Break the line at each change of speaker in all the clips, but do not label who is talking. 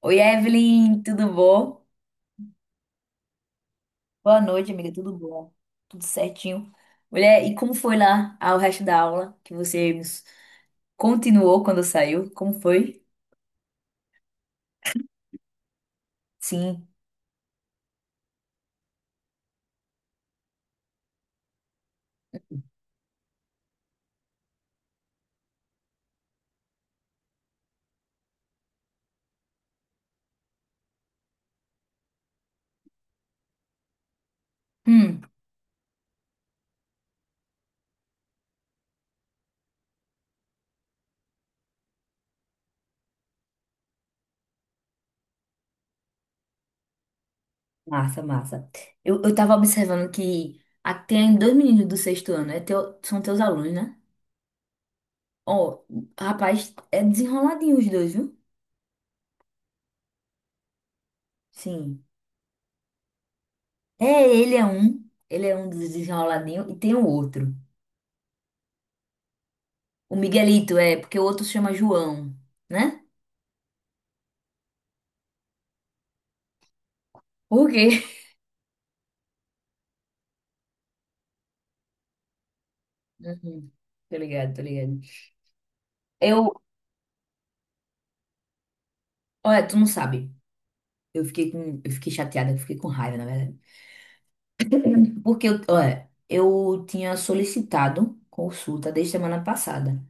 Oi, Evelyn, tudo bom? Boa noite, amiga, tudo bom? Tudo certinho. Mulher, e como foi lá o resto da aula que você continuou quando saiu? Como foi? Sim. Hum, massa, massa. Eu tava observando que tem dois meninos do sexto ano, são teus alunos, né? Ó, rapaz, é desenroladinho os dois, viu? Sim. É, ele é um dos desenroladinhos e tem o outro. O Miguelito é, porque o outro se chama João, né? Por quê? Uhum. Tô ligado, tô ligado. Eu, olha, tu não sabe. Eu fiquei chateada, eu fiquei com raiva, na verdade. Porque olha, eu tinha solicitado consulta desde semana passada.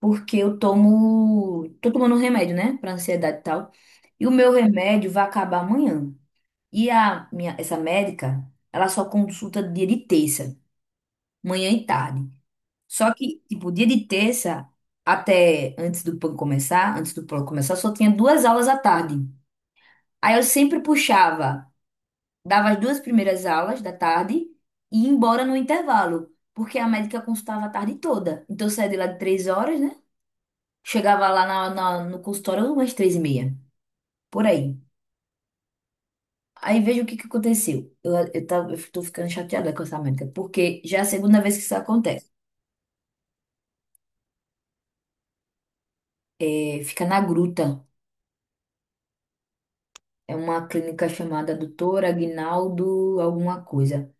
Porque tô tomando um remédio, né, pra ansiedade e tal. E o meu remédio vai acabar amanhã. E essa médica, ela só consulta dia de terça, manhã e tarde. Só que, tipo, dia de terça, até antes do PAN começar, só tinha duas aulas à tarde. Aí eu sempre puxava, dava as duas primeiras aulas da tarde e ia embora no intervalo, porque a médica consultava a tarde toda. Então eu saía de lá de 3h, né? Chegava lá no consultório umas 3h30, por aí. Aí veja o que que aconteceu. Eu tô ficando chateada com essa médica, porque já é a segunda vez que isso acontece. É, fica na Gruta. É uma clínica chamada Doutor Aguinaldo alguma coisa.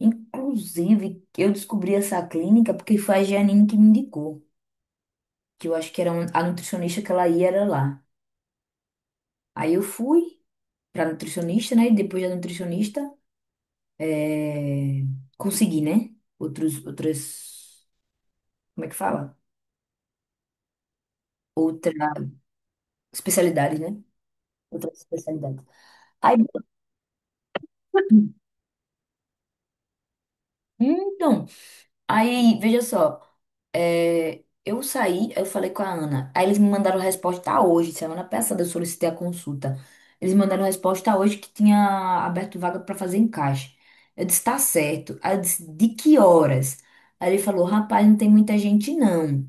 Inclusive, eu descobri essa clínica porque foi a Janine que me indicou, que eu acho que a nutricionista que ela ia era lá. Aí eu fui pra nutricionista, né? E depois da nutricionista, é, consegui, né? Outras, como é que fala? Outra especialidade, né? Outra especialidade. Aí, então, aí, veja só, eu falei com a Ana. Aí eles me mandaram resposta hoje, semana passada eu solicitei a consulta. Eles me mandaram resposta hoje que tinha aberto vaga para fazer encaixe. Eu disse, tá certo. Aí eu disse, de que horas? Aí ele falou, rapaz, não tem muita gente não,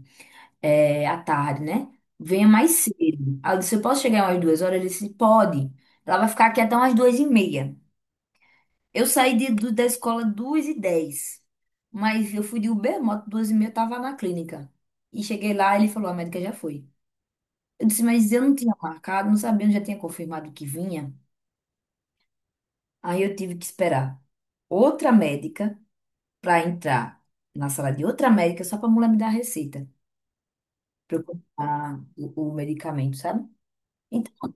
à tarde, né? Venha mais cedo. Aí eu disse, eu posso chegar umas 2h? Ele disse, pode. Ela vai ficar aqui até umas 2h30. Eu saí da escola 2h10, mas eu fui de Uber moto, 2h30 eu tava na clínica. E cheguei lá, ele falou, a médica já foi. Eu disse, mas eu não tinha marcado, não sabia, não já tinha confirmado que vinha. Aí eu tive que esperar outra médica para entrar na sala de outra médica só para a mulher me dar a receita, para eu comprar o medicamento, sabe? Então,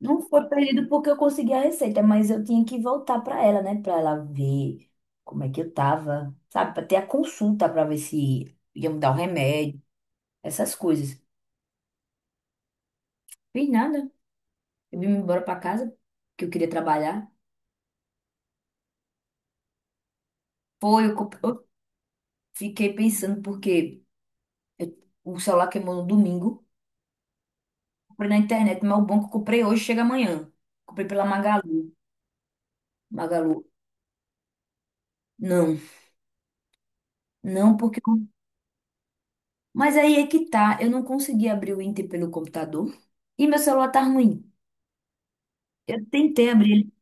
não foi perdido porque eu consegui a receita, mas eu tinha que voltar para ela, né? Para ela ver como é que eu tava, sabe? Para ter a consulta para ver se ia me dar o remédio, essas coisas. Fiz nada. Eu vim embora para casa, que eu queria trabalhar. Foi, eu fiquei pensando, porque eu- o celular queimou no domingo. Comprei na internet, mas o bom que eu comprei hoje chega amanhã. Comprei pela Magalu. Magalu. Não, não, porque. Mas aí é que tá, eu não consegui abrir o Inter pelo computador e meu celular tá ruim. Eu tentei abrir ele.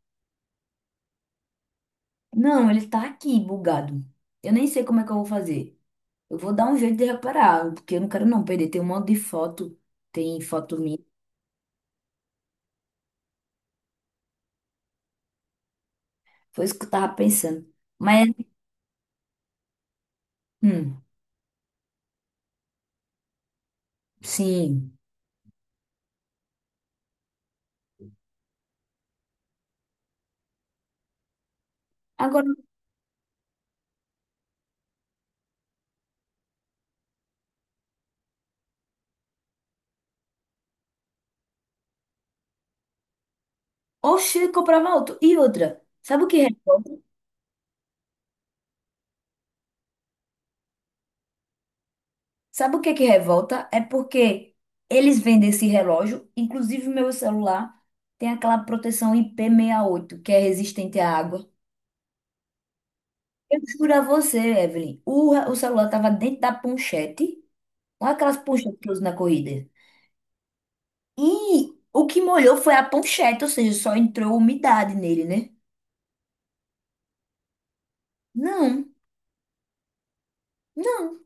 Não, ele tá aqui bugado. Eu nem sei como é que eu vou fazer. Eu vou dar um jeito de reparar, porque eu não quero não perder. Tem um monte de foto, tem foto minha. Foi isso que eu tava pensando. Mas, hum, sim. Agora, oxe, eu comprava outro. E outra, sabe o que é? Sabe o que é que revolta? É porque eles vendem esse relógio, inclusive meu celular tem aquela proteção ip oito, que é resistente à água. Eu juro a você, Evelyn, o celular estava dentro da ponchete, não é aquelas ponchetes que eu uso na corrida. E o que molhou foi a ponchete, ou seja, só entrou umidade nele, né? Não, não,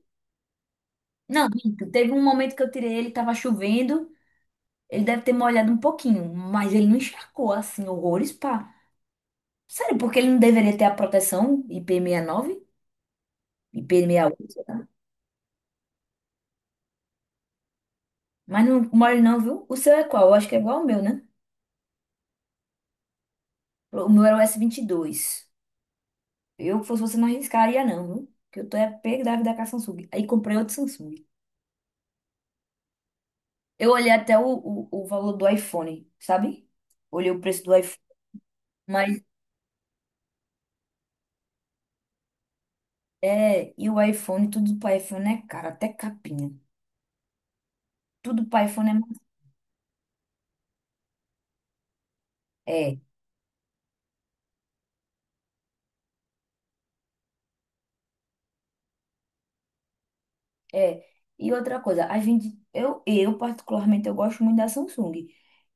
não. Minto. Teve um momento que eu tirei ele, estava chovendo, ele deve ter molhado um pouquinho, mas ele não encharcou assim, horrores. Sério, porque ele não deveria ter a proteção IP69? IP68, sei lá. Mas não mole não, viu? O seu é qual? Eu acho que é igual ao meu, né? O meu era o S22. Eu, se fosse você, não arriscaria não, viu? Porque eu tô é pego da vida com a Samsung. Aí comprei outro Samsung. Eu olhei até o valor do iPhone, sabe? Olhei o preço do iPhone. Mas, E o iPhone, tudo pro iPhone é caro. Até capinha. Tudo pro iPhone é... mais- É. É, e outra coisa, eu particularmente eu gosto muito da Samsung.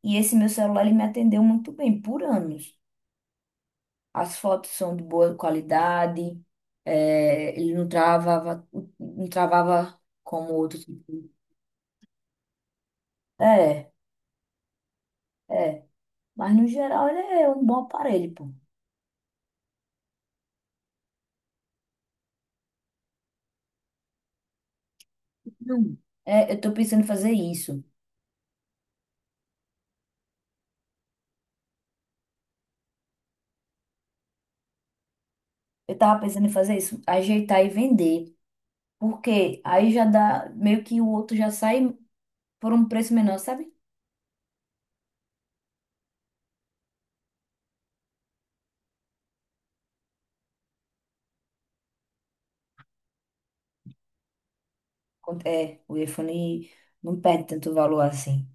E esse meu celular ele me atendeu muito bem por anos. As fotos são de boa qualidade, ele não travava, não travava como outros. É, é. Mas no geral ele é um bom aparelho, pô. Não. É, eu tô pensando em fazer isso. Eu tava pensando em fazer isso, ajeitar e vender. Porque aí já dá, meio que o outro já sai por um preço menor, sabe? É, o iPhone não perde tanto valor assim.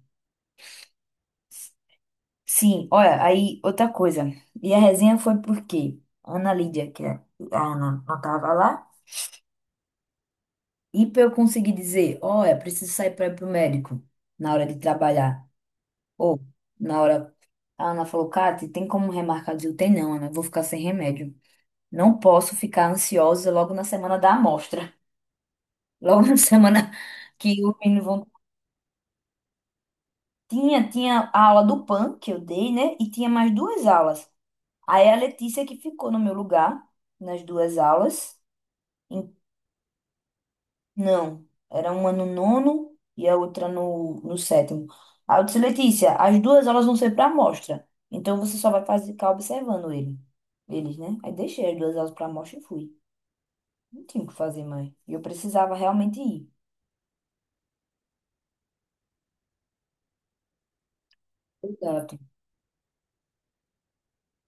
Sim, olha, aí outra coisa. E a resenha foi porque a Ana Lídia, a Ana não tava lá, e pra eu conseguir dizer, olha, preciso sair para ir pro médico na hora de trabalhar. Ou na hora. A Ana falou, Kati, tem como remarcar? Eu digo, tem não, Ana, eu vou ficar sem remédio. Não posso ficar ansiosa logo na semana da amostra. Logo na semana que o menino vão. Tinha a aula do PAN que eu dei, né? E tinha mais duas aulas. Aí a Letícia que ficou no meu lugar nas duas aulas. Em- Não, era uma no nono e a outra no sétimo. Aí eu disse, Letícia, as duas aulas vão ser para amostra. Então você só vai fazer, ficar observando ele. Eles, né? Aí deixei as duas aulas para amostra e fui. Não tinha o que fazer mais. E eu precisava realmente ir. Exato.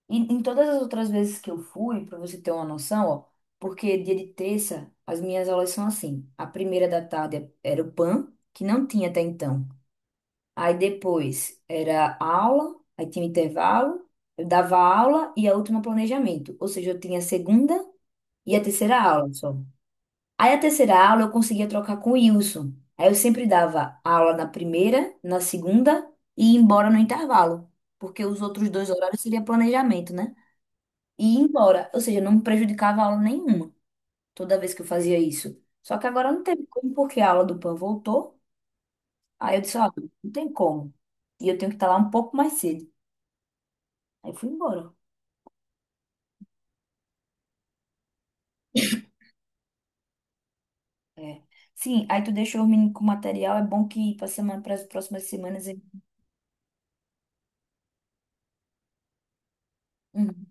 E em todas as outras vezes que eu fui, para você ter uma noção, ó, porque dia de terça as minhas aulas são assim. A primeira da tarde era o PAN, que não tinha até então. Aí depois era aula, aí tinha um intervalo, eu dava aula e a última planejamento. Ou seja, eu tinha a segunda e a terceira aula só. Aí a terceira aula eu conseguia trocar com o Wilson. Aí eu sempre dava aula na primeira, na segunda e ia embora no intervalo. Porque os outros dois horários seria planejamento, né? E ia embora. Ou seja, não me prejudicava a aula nenhuma toda vez que eu fazia isso. Só que agora não teve como, porque a aula do PAN voltou. Aí eu disse, ó, não tem como. E eu tenho que estar lá um pouco mais cedo. Aí fui embora. É. Sim, aí tu deixou o menino com o material. É bom que para semana, para as próximas semanas. Ele- Uhum.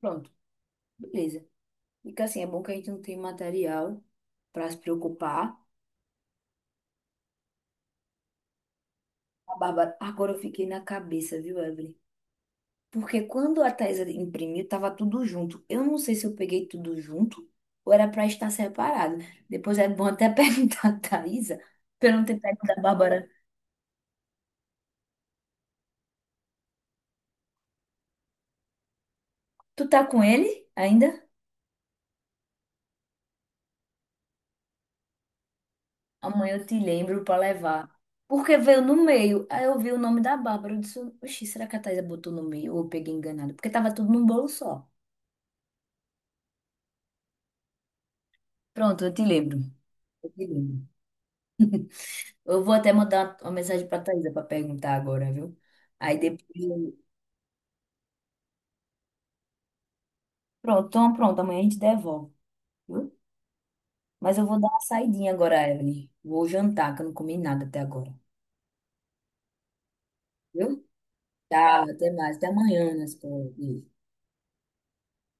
Pronto, beleza. Fica assim, é bom que a gente não tem material para se preocupar. A Bárbara, agora eu fiquei na cabeça, viu, Evelyn? Porque quando a Thaisa imprimiu, tava tudo junto. Eu não sei se eu peguei tudo junto ou era para estar separado. Depois é bom até perguntar a Thaisa, para não ter pego da Bárbara. Tu tá com ele ainda? Amanhã eu te lembro pra levar. Porque veio no meio. Aí eu vi o nome da Bárbara. Eu disse, oxi, será que a Thaisa botou no meio? Ou eu peguei enganado? Porque tava tudo num bolo só. Pronto, eu te lembro. Eu te lembro. Eu vou até mandar uma mensagem pra Thaisa pra perguntar agora, viu? Aí depois. Eu- Pronto, então pronto. Amanhã a gente devolve, viu? Mas eu vou dar uma saidinha agora, Evelyn. Vou jantar, que eu não comi nada até agora. Viu? Tá. Até mais. Até amanhã, né?